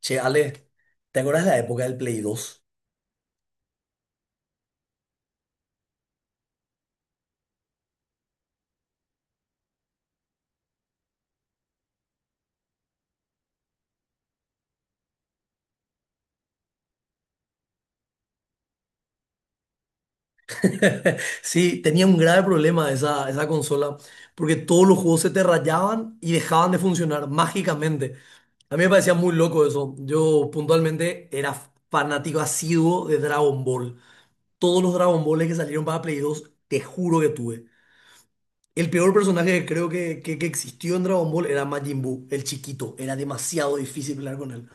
Che, Ale, ¿te acuerdas de la época del Play dos? Sí, tenía un grave problema esa consola, porque todos los juegos se te rayaban y dejaban de funcionar mágicamente. A mí me parecía muy loco eso. Yo puntualmente era fanático asiduo de Dragon Ball. Todos los Dragon Balls que salieron para Play 2, te juro que tuve. El peor personaje que creo que existió en Dragon Ball era Majin Buu, el chiquito. Era demasiado difícil pelear con él.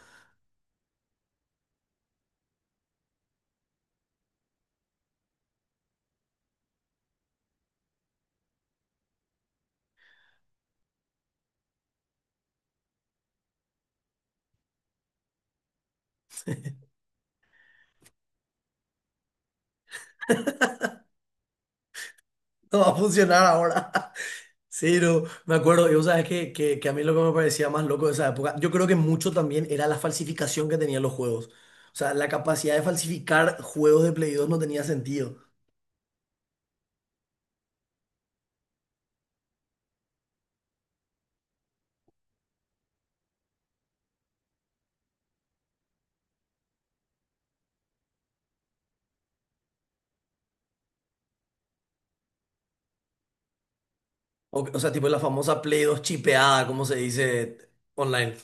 No va a funcionar ahora. Sí, no, me acuerdo, y vos sabes que a mí lo que me parecía más loco de esa época, yo creo que mucho también era la falsificación que tenían los juegos. O sea, la capacidad de falsificar juegos de Play 2 no tenía sentido. O sea, tipo la famosa Play 2 chipeada, como se dice online.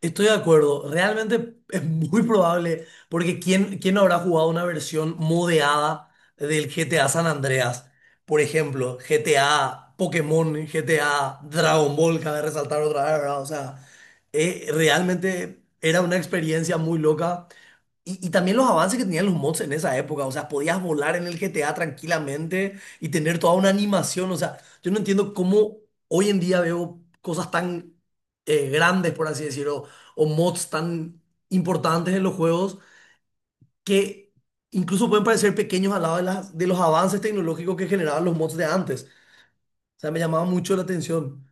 Estoy de acuerdo, realmente es muy probable, porque ¿quién no habrá jugado una versión modeada del GTA San Andreas? Por ejemplo, GTA Pokémon, GTA Dragon Ball, cabe resaltar otra vez, ¿verdad? O sea, realmente era una experiencia muy loca y también los avances que tenían los mods en esa época, o sea, podías volar en el GTA tranquilamente y tener toda una animación, o sea, yo no entiendo cómo hoy en día veo cosas tan grandes, por así decirlo, o mods tan importantes en los juegos que incluso pueden parecer pequeños al lado de, de los avances tecnológicos que generaban los mods de antes. O sea, me llamaba mucho la atención.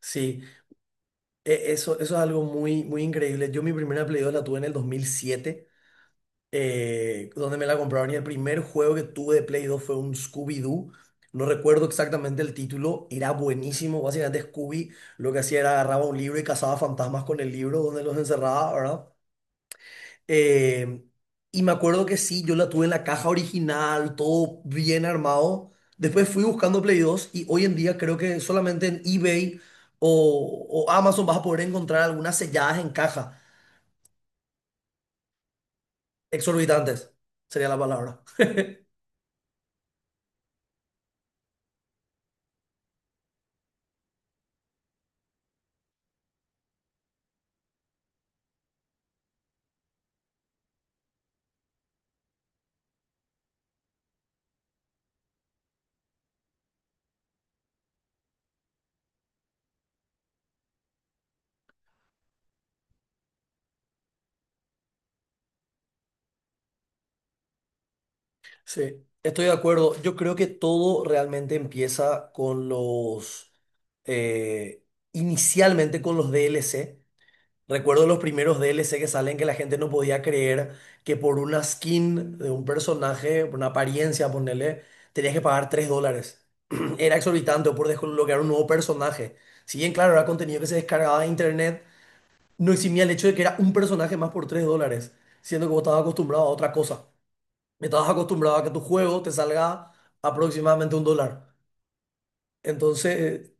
Sí, eso, eso es algo muy, muy increíble. Yo mi primera Play 2 la tuve en el 2007, donde me la compraron. Y el primer juego que tuve de Play 2 fue un Scooby-Doo. No recuerdo exactamente el título, era buenísimo. Básicamente Scooby lo que hacía era agarraba un libro y cazaba fantasmas con el libro donde los encerraba, ¿verdad? Eh, y me acuerdo que sí, yo la tuve en la caja original, todo bien armado. Después fui buscando Play 2 y hoy en día creo que solamente en eBay o Amazon vas a poder encontrar algunas selladas en caja. Exorbitantes sería la palabra. Sí, estoy de acuerdo. Yo creo que todo realmente empieza con eh, inicialmente con los DLC. Recuerdo los primeros DLC que salen que la gente no podía creer que por una skin de un personaje, por una apariencia, ponerle, tenías que pagar $3. Era exorbitante o por desbloquear un nuevo personaje. Si bien, claro, era contenido que se descargaba de internet, no eximía el hecho de que era un personaje más por $3, siendo que vos estabas acostumbrado a otra cosa. Estabas acostumbrado a que tu juego te salga aproximadamente un dólar. Entonces, eh,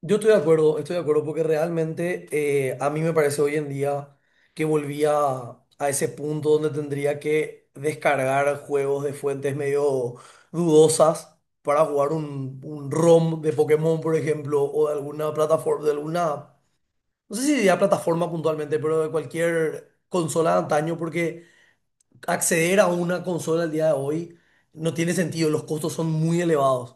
yo estoy de acuerdo porque realmente a mí me parece hoy en día que volvía a ese punto donde tendría que descargar juegos de fuentes medio dudosas para jugar un ROM de Pokémon, por ejemplo, o de alguna plataforma, de alguna, no sé si diría plataforma puntualmente, pero de cualquier consola de antaño, porque acceder a una consola al día de hoy no tiene sentido, los costos son muy elevados.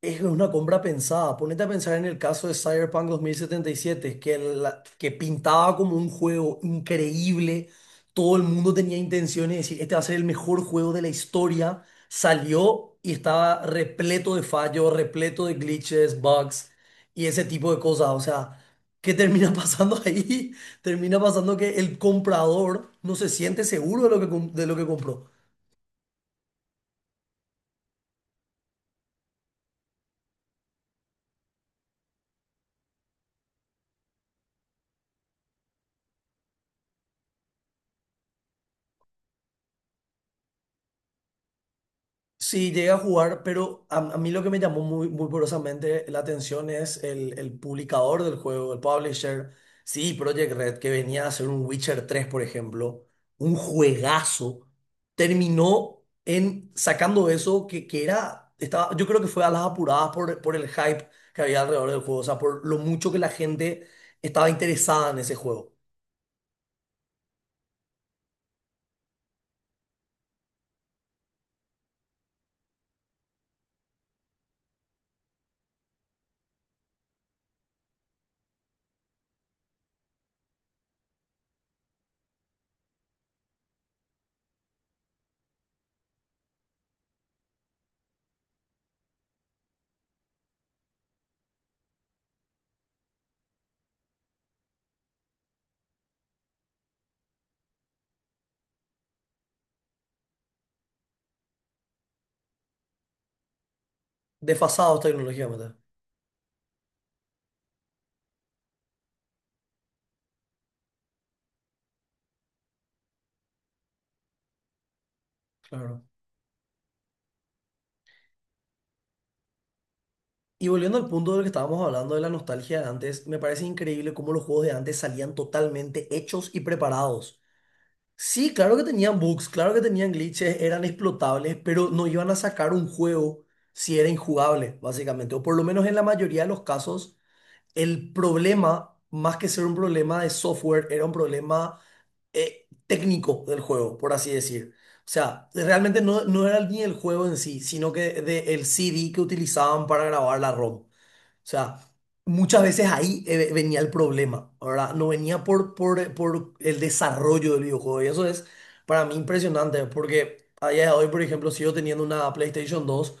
Es una compra pensada. Ponete a pensar en el caso de Cyberpunk 2077, que que pintaba como un juego increíble. Todo el mundo tenía intenciones de decir, este va a ser el mejor juego de la historia. Salió y estaba repleto de fallos, repleto de glitches, bugs y ese tipo de cosas. O sea, ¿qué termina pasando ahí? Termina pasando que el comprador no se siente seguro de lo de lo que compró. Sí, llegué a jugar, pero a mí lo que me llamó muy poderosamente la atención es el publicador del juego, el publisher. Sí, Project Red, que venía a hacer un Witcher tres, por ejemplo, un juegazo, terminó en sacando eso que era, estaba, yo creo que fue a las apuradas por el hype que había alrededor del juego, o sea, por lo mucho que la gente estaba interesada en ese juego. Desfasados tecnológicamente. Claro. Y volviendo al punto del que estábamos hablando de la nostalgia de antes, me parece increíble cómo los juegos de antes salían totalmente hechos y preparados. Sí, claro que tenían bugs, claro que tenían glitches, eran explotables, pero no iban a sacar un juego si era injugable, básicamente. O por lo menos en la mayoría de los casos, el problema, más que ser un problema de software, era un problema técnico del juego, por así decir. O sea, realmente no, no era ni el juego en sí, sino que de, el CD que utilizaban para grabar la ROM. O sea, muchas veces ahí venía el problema, ¿verdad? No venía por el desarrollo del videojuego. Y eso es para mí impresionante, porque a día de hoy, por ejemplo, sigo teniendo una PlayStation dos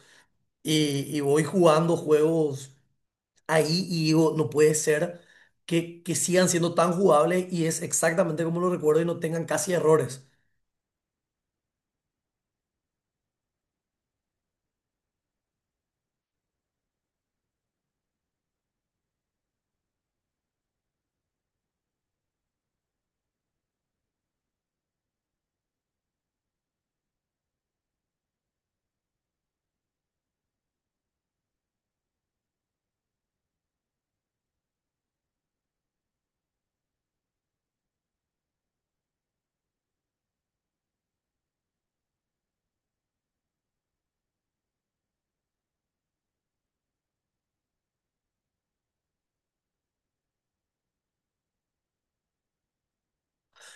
y voy jugando juegos ahí y digo, no puede ser que sigan siendo tan jugables y es exactamente como lo recuerdo y no tengan casi errores.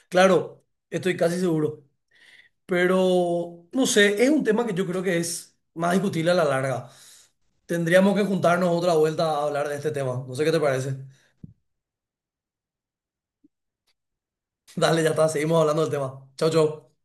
Claro, estoy casi seguro, pero no sé, es un tema que yo creo que es más discutible a la larga. Tendríamos que juntarnos otra vuelta a hablar de este tema. No sé qué te parece. Dale, ya está, seguimos hablando del tema. Chau, chau.